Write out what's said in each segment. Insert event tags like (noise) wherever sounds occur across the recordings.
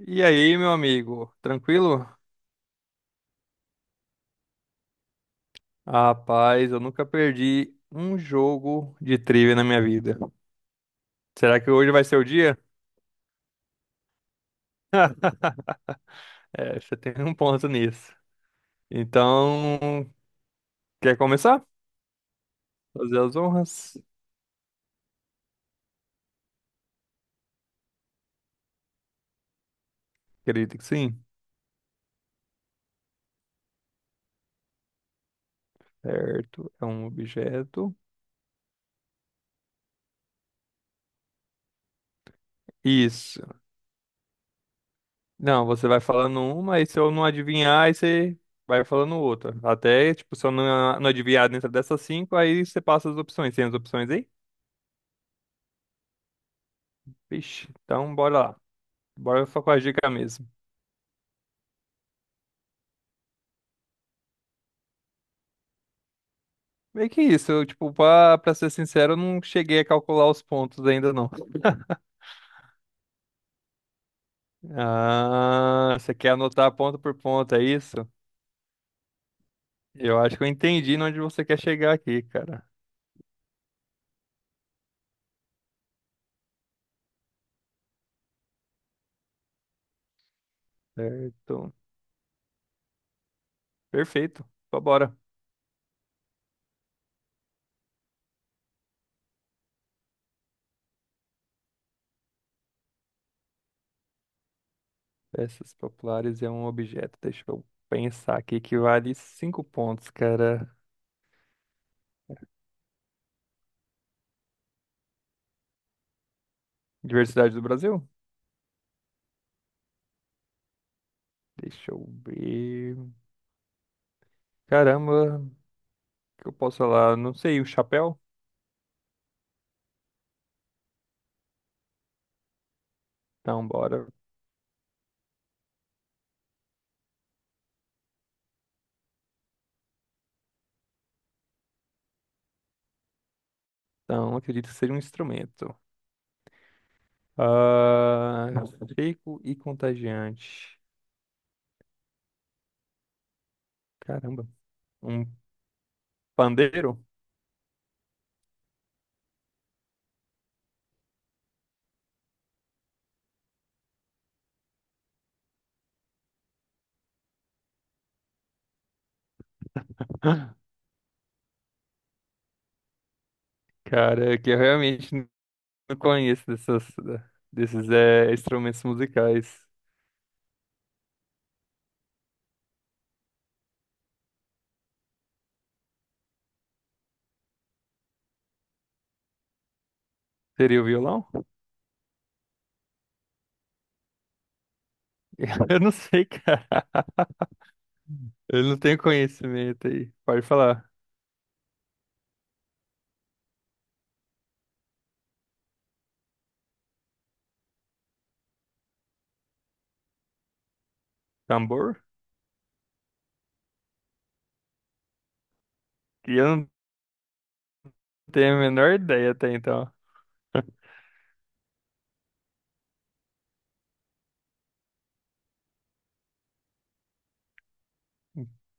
E aí, meu amigo, tranquilo? Rapaz, eu nunca perdi um jogo de trivia na minha vida. Será que hoje vai ser o dia? (laughs) É, você tem um ponto nisso. Então, quer começar? Fazer as honras? Acredito que sim. Certo, é um objeto. Isso. Não, você vai falando uma, e se eu não adivinhar, aí você vai falando outra. Até, tipo, se eu não adivinhar dentro dessas cinco, aí você passa as opções. Tem as opções aí? Vixe, então bora lá. Bora só com a dica mesmo. Meio que isso, eu, tipo, pra ser sincero, eu não cheguei a calcular os pontos ainda, não. Ah, você quer anotar ponto por ponto, é isso? Eu acho que eu entendi onde você quer chegar aqui, cara. Certo. Perfeito. Então, bora. Peças populares é um objeto. Deixa eu pensar aqui que vale cinco pontos, cara. Diversidade do Brasil? Deixa eu ver. Caramba, o que eu posso falar? Não sei, o chapéu? Então, bora. Então, acredito que seja um instrumento. Ah, seco e contagiante. Caramba. Um pandeiro? (gasps) Cara, é que eu realmente não conheço dessas, desses instrumentos musicais. Seria o violão? (laughs) Eu não sei, cara. Eu não tenho conhecimento aí. Pode falar. Tambor? Que eu não tenho a menor ideia até então. (laughs)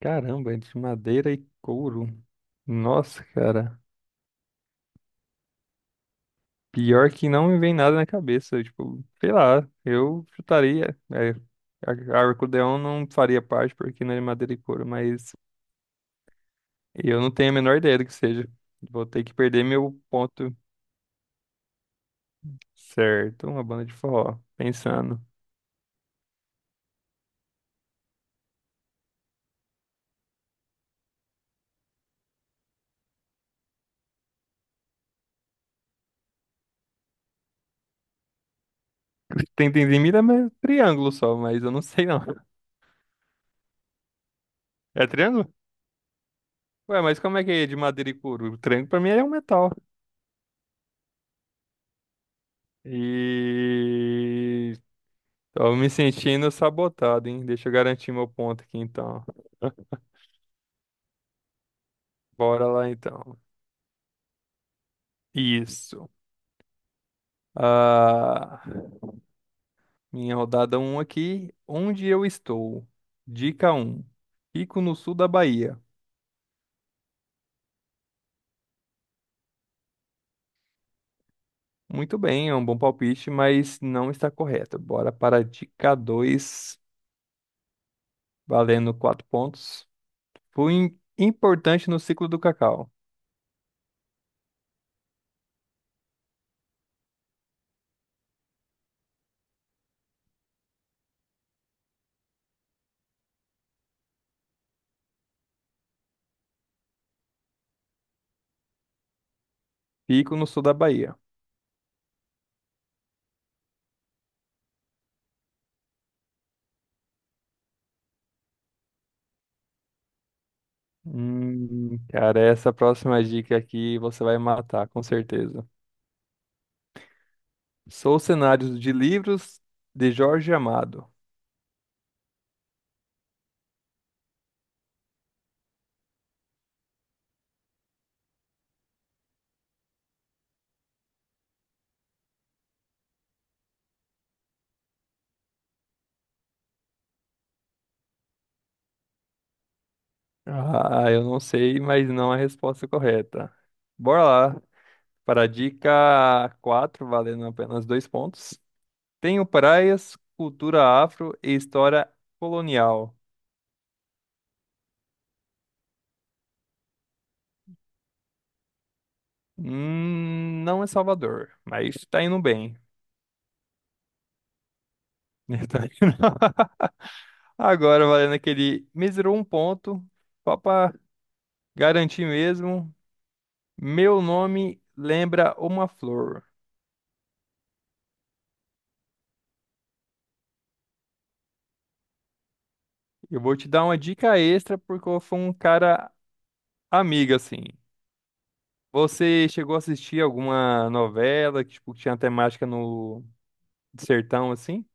Caramba, é de madeira e couro. Nossa, cara. Pior que não me vem nada na cabeça. Tipo, sei lá, eu chutaria. É, a Arcodeon não faria parte porque não é de madeira e couro, mas eu não tenho a menor ideia do que seja. Vou ter que perder meu ponto certo. Uma banda de forró. Pensando. Tem Tentendimida é triângulo só, mas eu não sei não. É triângulo? Ué, mas como é que é de madeira e couro? O triângulo pra mim é um metal. E. Tô me sentindo sabotado, hein? Deixa eu garantir meu ponto aqui então. Bora lá então. Isso. Ah, minha rodada um aqui. Onde eu estou? Dica um. Fico no sul da Bahia. Muito bem, é um bom palpite, mas não está correto. Bora para a dica 2. Valendo 4 pontos. Fui importante no ciclo do cacau. Fico no sul da Bahia. Cara, essa próxima dica aqui você vai matar, com certeza. Sou cenários de livros de Jorge Amado. Ah, eu não sei, mas não é a resposta correta. Bora lá. Para a dica 4, valendo apenas dois pontos. Tenho praias, cultura afro e história colonial. Não é Salvador, mas tá indo bem. (laughs) Tá indo- (laughs) Agora, valendo aquele mísero um ponto, só pra garantir mesmo. Meu nome lembra uma flor. Eu vou te dar uma dica extra porque eu fui um cara amigo, assim. Você chegou a assistir alguma novela que, tipo, que tinha temática no de sertão, assim?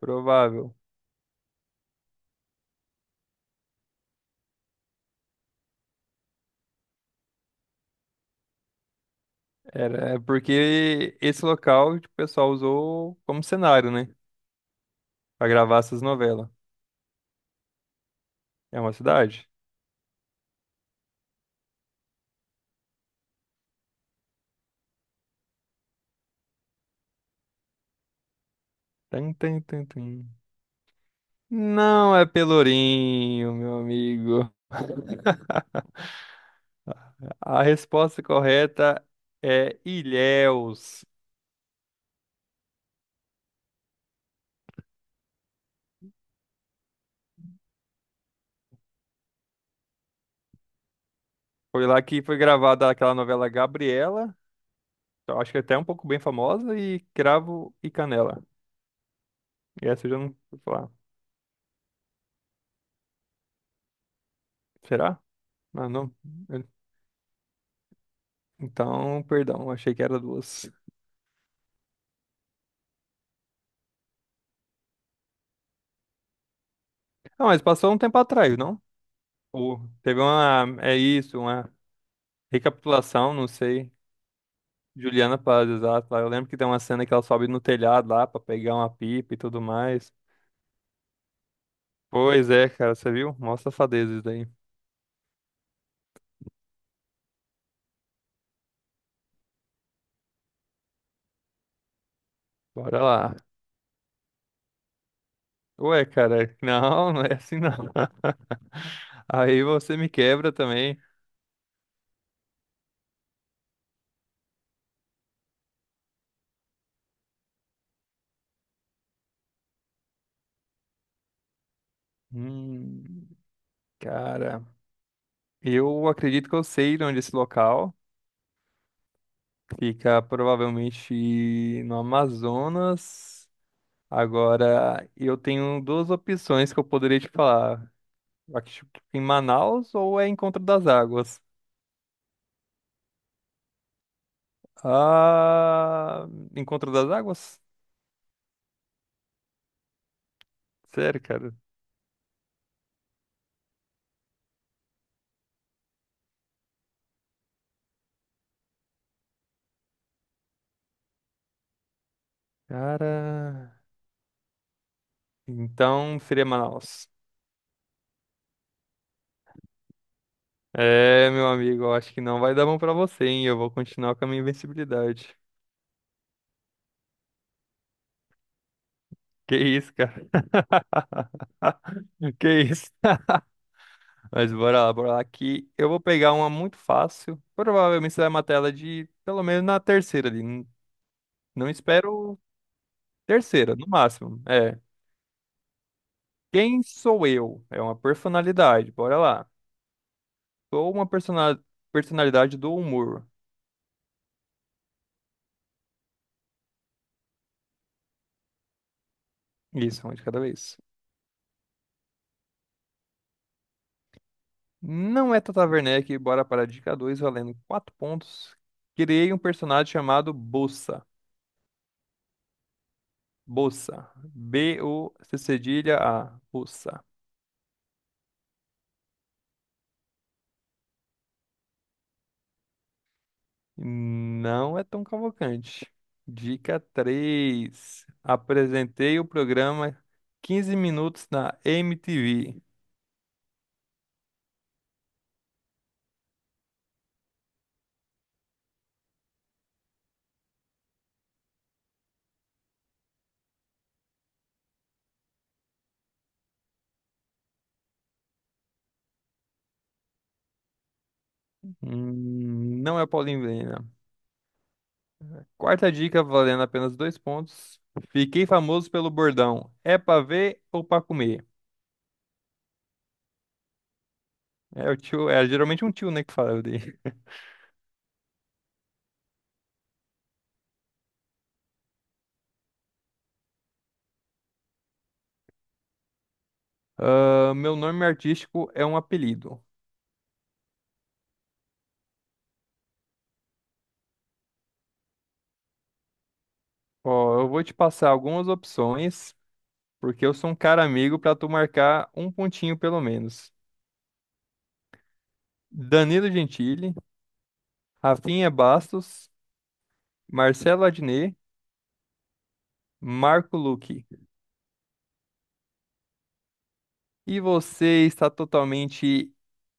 Provável. Era é porque esse local, tipo, o pessoal usou como cenário, né? Pra gravar essas novelas. É uma cidade? Tum, tum, tum, tum. Não é Pelourinho, meu amigo. A resposta correta é Ilhéus. Foi lá que foi gravada aquela novela Gabriela, eu acho que é até um pouco bem famosa, e Cravo e Canela. E essa eu já não vou falar. Será? Ah, não. Eu- Então, perdão, achei que era duas. Ah, mas passou um tempo atrás, não? Ou teve uma. É isso, uma recapitulação, não sei. Juliana Paz, exato. Lá. Eu lembro que tem uma cena que ela sobe no telhado lá pra pegar uma pipa e tudo mais. Pois é, cara, você viu? Mostra safadeza isso daí. Bora lá. Ué, cara, (laughs) não, não é assim não. (laughs) Aí você me quebra também. Hum, cara, eu acredito que eu sei de onde é esse local. Fica provavelmente no Amazonas. Agora, eu tenho duas opções que eu poderia te falar. Aqui em Manaus ou é Encontro das Águas? Ah, Encontro das Águas? Sério, cara? Cara, então seria Manaus. É, meu amigo, eu acho que não vai dar bom pra você, hein? Eu vou continuar com a minha invencibilidade. Que isso, cara? (laughs) Que isso? Mas bora lá que eu vou pegar uma muito fácil. Provavelmente você vai matar ela de pelo menos na terceira ali. Não espero terceira, no máximo. É. Quem sou eu? É uma personalidade. Bora lá. Sou uma personalidade do humor. Isso, uma de cada vez. Não é Tata Werneck, bora para a dica 2 valendo 4 pontos. Criei um personagem chamado Bossa. Bossa. B o c c a Bossa. Não é tão Cavalcante. Dica três: apresentei o programa 15 minutos na MTV. Não é Paulinho Vieira. Quarta dica, valendo apenas dois pontos. Fiquei famoso pelo bordão. É pra ver ou pra comer? É o tio, é geralmente um tio, né, que fala dele. (laughs) Ah, meu nome artístico é um apelido. Ó, eu vou te passar algumas opções, porque eu sou um cara amigo pra tu marcar um pontinho pelo menos. Danilo Gentili, Rafinha Bastos, Marcelo Adnet, Marco Luque. E você está totalmente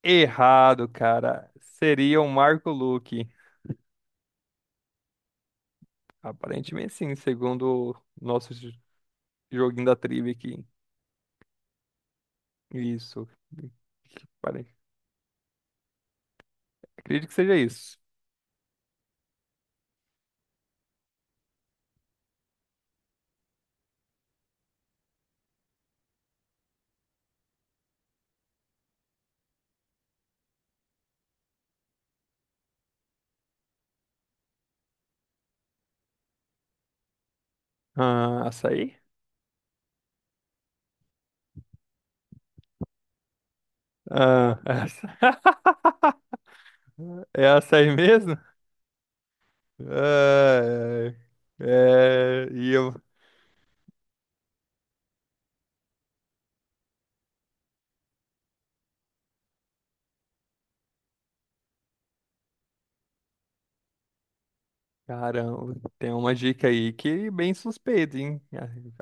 errado, cara. Seria o Marco Luque. Aparentemente sim, segundo o nosso joguinho da trivia aqui. Isso. Pare- Acredito que seja isso. Ah, açaí? Ah, essa... (laughs) é açaí mesmo? Ah, é. É, E eu Caramba, tem uma dica aí que é bem suspeita, hein?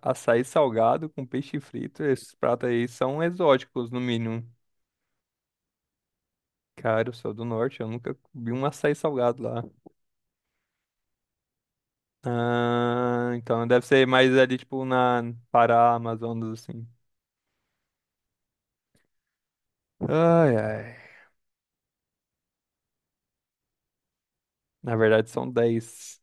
A- Açaí salgado com peixe frito, esses pratos aí são exóticos, no mínimo. Cara, eu sou do norte, eu nunca vi um açaí salgado lá. Ah, então deve ser mais ali, tipo, na Pará, Amazonas, assim. Ai, ai. Na verdade, são 10.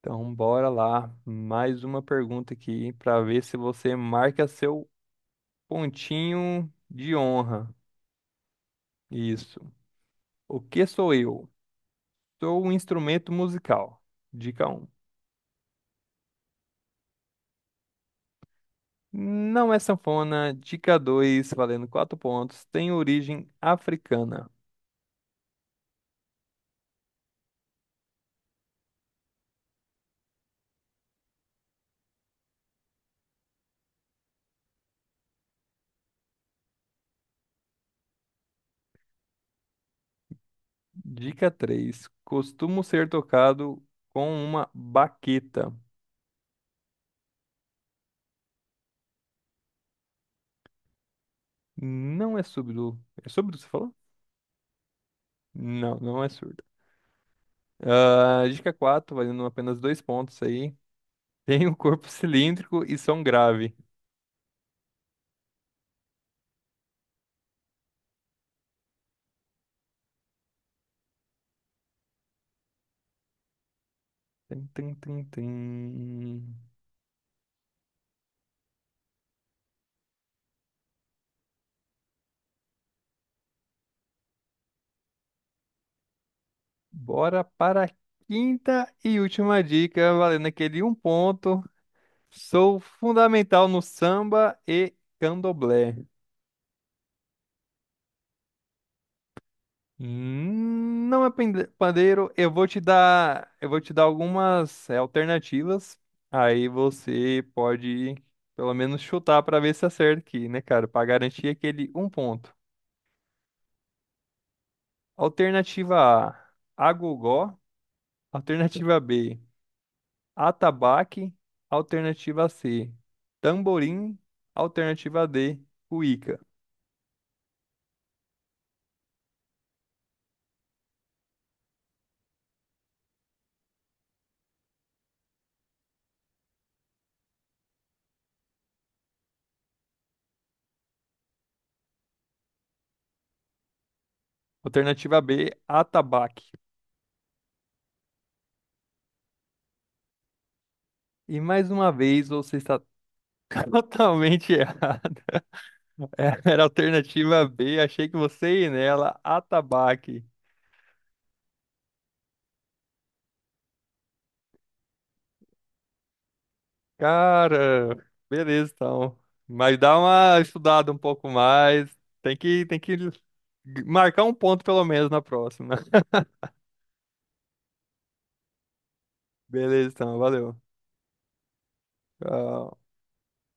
Então, bora lá. Mais uma pergunta aqui pra ver se você marca seu pontinho de honra. Isso. O que sou eu? Sou um instrumento musical. Dica um. Não é sanfona. Dica 2, valendo 4 pontos. Tem origem africana. Dica três. Costumo ser tocado com uma baqueta. Não é surdo. É surdo, você falou? Não, não é surdo. Ah, dica 4, valendo apenas 2 pontos aí. Tem um corpo (laughs) cilíndrico e som grave. Tum, tum, tum, tum. Bora para a quinta e última dica, valendo aquele um ponto. Sou fundamental no samba e candomblé. Não é pandeiro, eu vou te dar algumas alternativas. Aí você pode pelo menos chutar para ver se acerta aqui, né, cara? Para garantir aquele um ponto. Alternativa A, agogó. Alternativa B, atabaque. Alternativa C, tamborim. Alternativa D, cuíca. Alternativa B, atabaque. E mais uma vez você está (laughs) totalmente errado. É, era a alternativa B, achei que você ia nela, atabaque. Cara, beleza então. Mas dá uma estudada um pouco mais. Tem que marcar um ponto pelo menos na próxima. (laughs) Beleza então, valeu. Tchau.